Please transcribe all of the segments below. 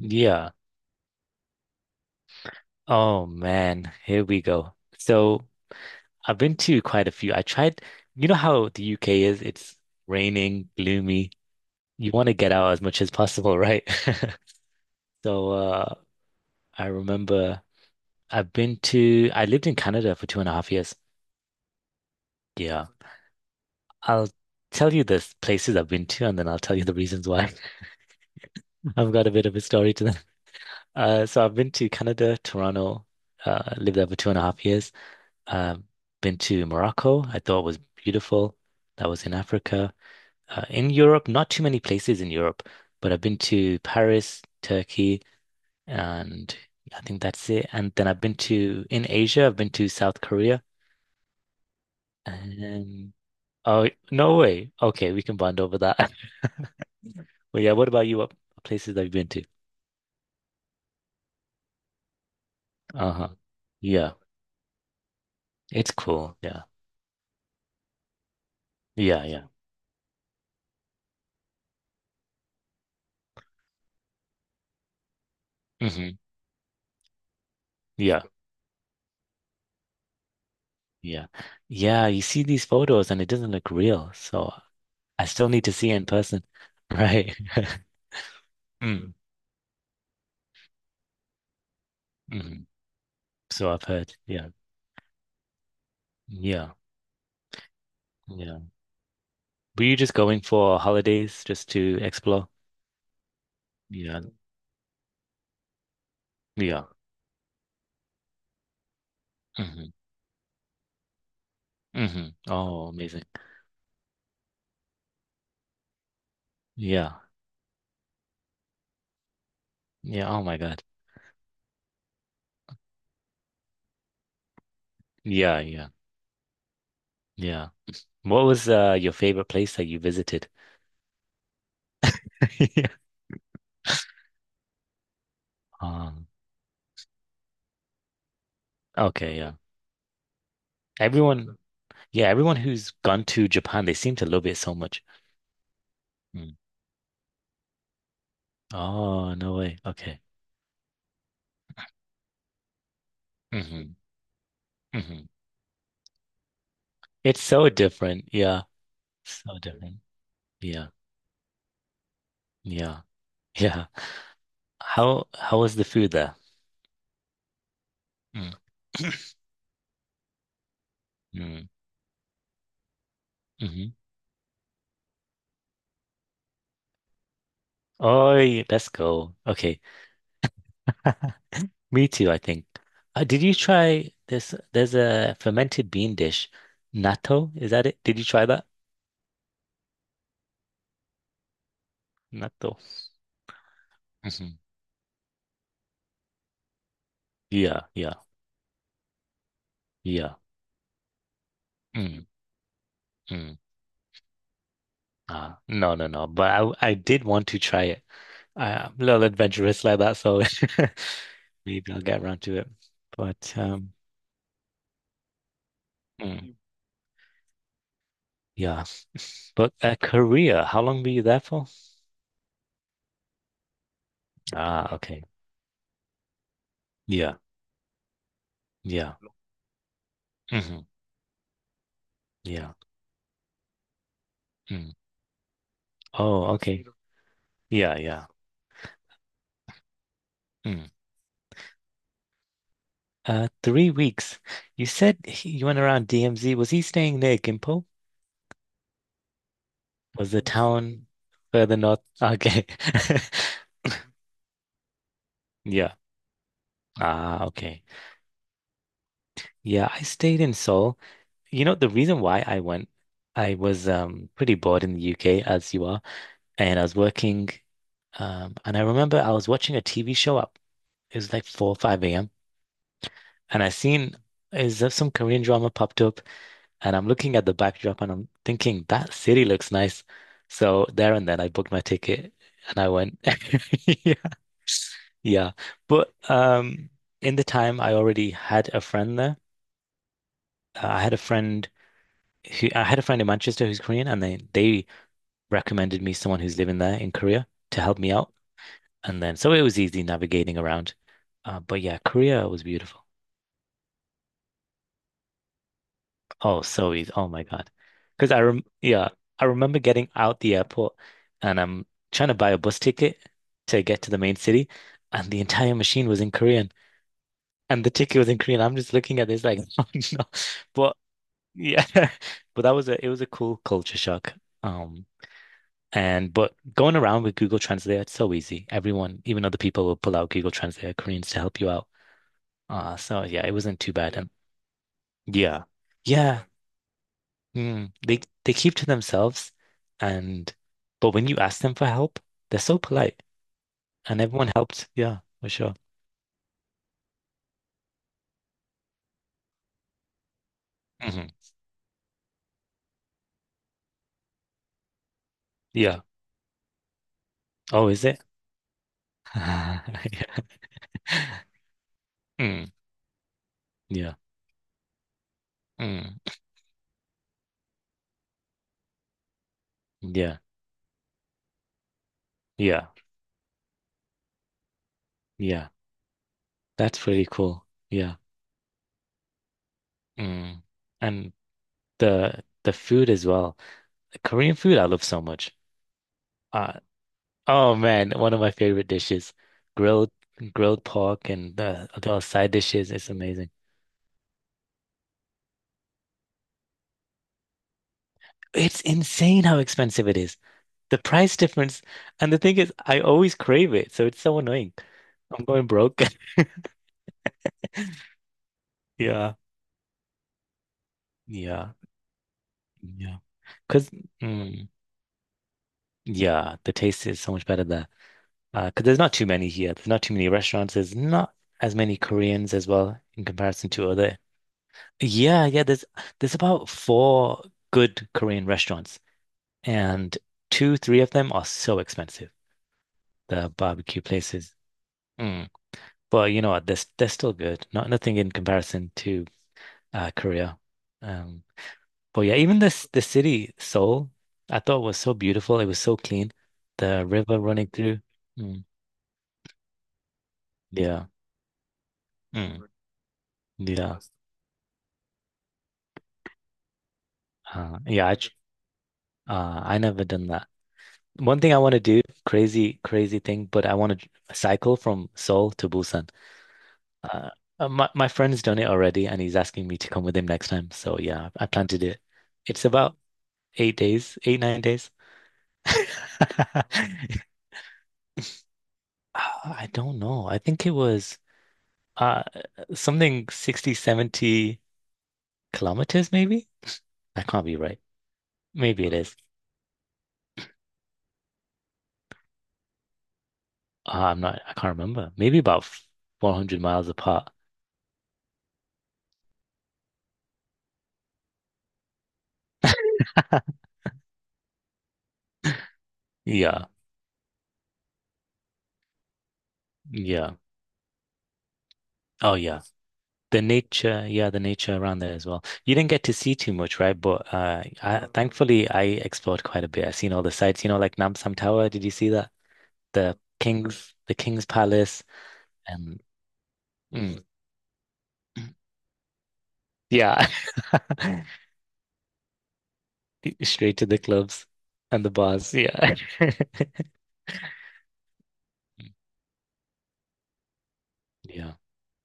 Yeah. Oh man, here we go. So I've been to quite a few. You know how the UK is? It's raining, gloomy. You want to get out as much as possible, right? So I remember I've been to I lived in Canada for two and a half years. Yeah. I'll tell you the places I've been to and then I'll tell you the reasons why. I've got a bit of a story to them. So I've been to Canada, Toronto, lived there for two and a half years. Um, been to Morocco. I thought was beautiful. That was in Africa. In Europe, not too many places in Europe, but I've been to Paris, Turkey, and I think that's it. And then I've been to in Asia, I've been to South Korea. And oh, no way. Okay, we can bond over that. Well, yeah. What about you? What places that you've been to? Uh-huh. Yeah, it's cool. Yeah, yeah, yeah. hmm Yeah, yeah, yeah. You see these photos, and it doesn't look real. So. I still need to see in person. Right. Mm, mm. So I've heard. Yeah. Yeah. Yeah. Were you just going for holidays, just to explore? Yeah. Yeah. hmm hmm Oh, amazing. Yeah. Yeah. Oh my God. Yeah. Yeah. Yeah. What was your favorite place that you visited? Yeah. Um, okay. Yeah. Everyone. Yeah. Everyone who's gone to Japan, they seem to love it so much. Mm. Oh, no way. Okay. hmm hmm It's so different. Yeah. So different. Yeah. Yeah. Yeah. How was the food there? Mm. Mm. hmm Oh, let's go. Okay. Me too, I think. Did you try this? There's a fermented bean dish. Natto, is that it? Did you try that? Natto. Hmm Yeah, yeah, yeah. Mm, mm. No, no, no. But I did want to try it. I am a little adventurous like that, so maybe I'll get around to it. But mm, yeah. But at Korea, how long were you there for? Ah, okay. Yeah, yeah. hmm Yeah. Mm. Oh, okay. Yeah, yeah. Mm. 3 weeks. You went around DMZ. Was he staying near Gimpo? Was the town further north? Okay. Yeah. Ah, okay. Yeah, I stayed in Seoul. You know, the reason why I went, I was pretty bored in the UK as you are, and I was working and I remember I was watching a TV show at It was like 4 or 5 a.m. And I seen is there some Korean drama popped up and I'm looking at the backdrop and I'm thinking that city looks nice. So there and then I booked my ticket and I went. Yeah. Yeah. But in the time I already had a friend there. Uh, I had a friend I had a friend in Manchester who's Korean and they recommended me someone who's living there in Korea to help me out. And then so it was easy navigating around. But yeah, Korea was beautiful. Oh, so easy. Oh my God. Because I rem Yeah, I remember getting out the airport and I'm trying to buy a bus ticket to get to the main city, and the entire machine was in Korean and the ticket was in Korean. I'm just looking at this like, oh no. But yeah, but that was a it was a cool culture shock. Um and but going around with Google Translate, it's so easy. Everyone, even other people will pull out Google Translate, Koreans to help you out. So yeah, it wasn't too bad. And yeah. Yeah, mm, they keep to themselves and but when you ask them for help, they're so polite and everyone helped. Yeah, for sure. hmm Yeah. Oh, is it? Yeah. Mm, yeah. Mm, yeah. Yeah. Yeah. That's pretty cool. Yeah. Mm. And the food as well. Korean food I love so much. Uh, oh man, one of my favorite dishes. Grilled grilled pork and the side dishes. It's amazing. It's insane how expensive it is. The price difference. And the thing is, I always crave it. So it's so annoying. I'm going broke. Yeah. Yeah. Yeah. Because, mm, yeah, the taste is so much better there. 'Cause there's not too many here. There's not too many restaurants. There's not as many Koreans as well in comparison to other. Yeah. Yeah. There's about four good Korean restaurants, and two, three of them are so expensive. The barbecue places. Mm. But you know what? They're still good. Not nothing in comparison to Korea. Um, but yeah, even this the city Seoul, I thought was so beautiful. It was so clean. The river running through. Mm, yeah. Mm, yeah. Yeah. I never done that. One thing I want to do, crazy, crazy thing, but I want to cycle from Seoul to Busan. Uh, my friend's done it already, and he's asking me to come with him next time. So yeah, I plan to do it. It's about 8 days, eight, 9 days. I don't know. I think it was uh something 60, 70 kilometers, maybe? That can't be right. Maybe it is. I can't remember. Maybe about 400 miles apart. Yeah, yeah. Oh, yeah. The nature, yeah, the nature around there as well. You didn't get to see too much, right? But I, thankfully, I explored quite a bit. I seen all the sites, you know, like Nam Sam Tower. Did you see that? The King's Palace, and mm. Yeah. Straight to the clubs and the bars. Yeah. Yeah.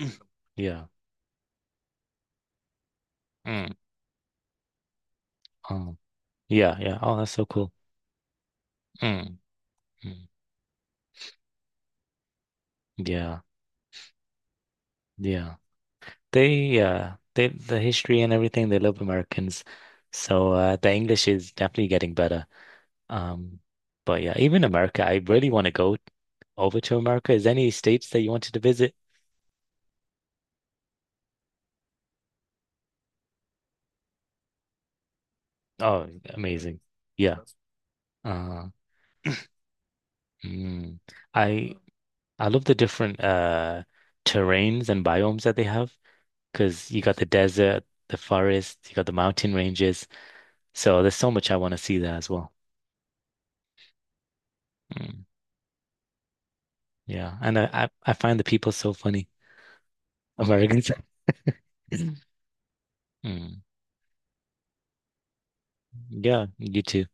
Mm. Yeah. Mm. Oh. Yeah, yeah. Oh, that's so cool. Mm. Mm. Yeah. Yeah. They yeah, they the history and everything, they love Americans. So the English is definitely getting better. Um but yeah, even America, I really want to go over to America. Is there any states that you wanted to visit? Oh, amazing. Yeah. Uh mm. I I love the different terrains and biomes that they have because you got the desert, the forest, you got the mountain ranges. So there's so much I want to see there as well. Mm, yeah, and I find the people so funny, Americans. Mm, yeah, you too.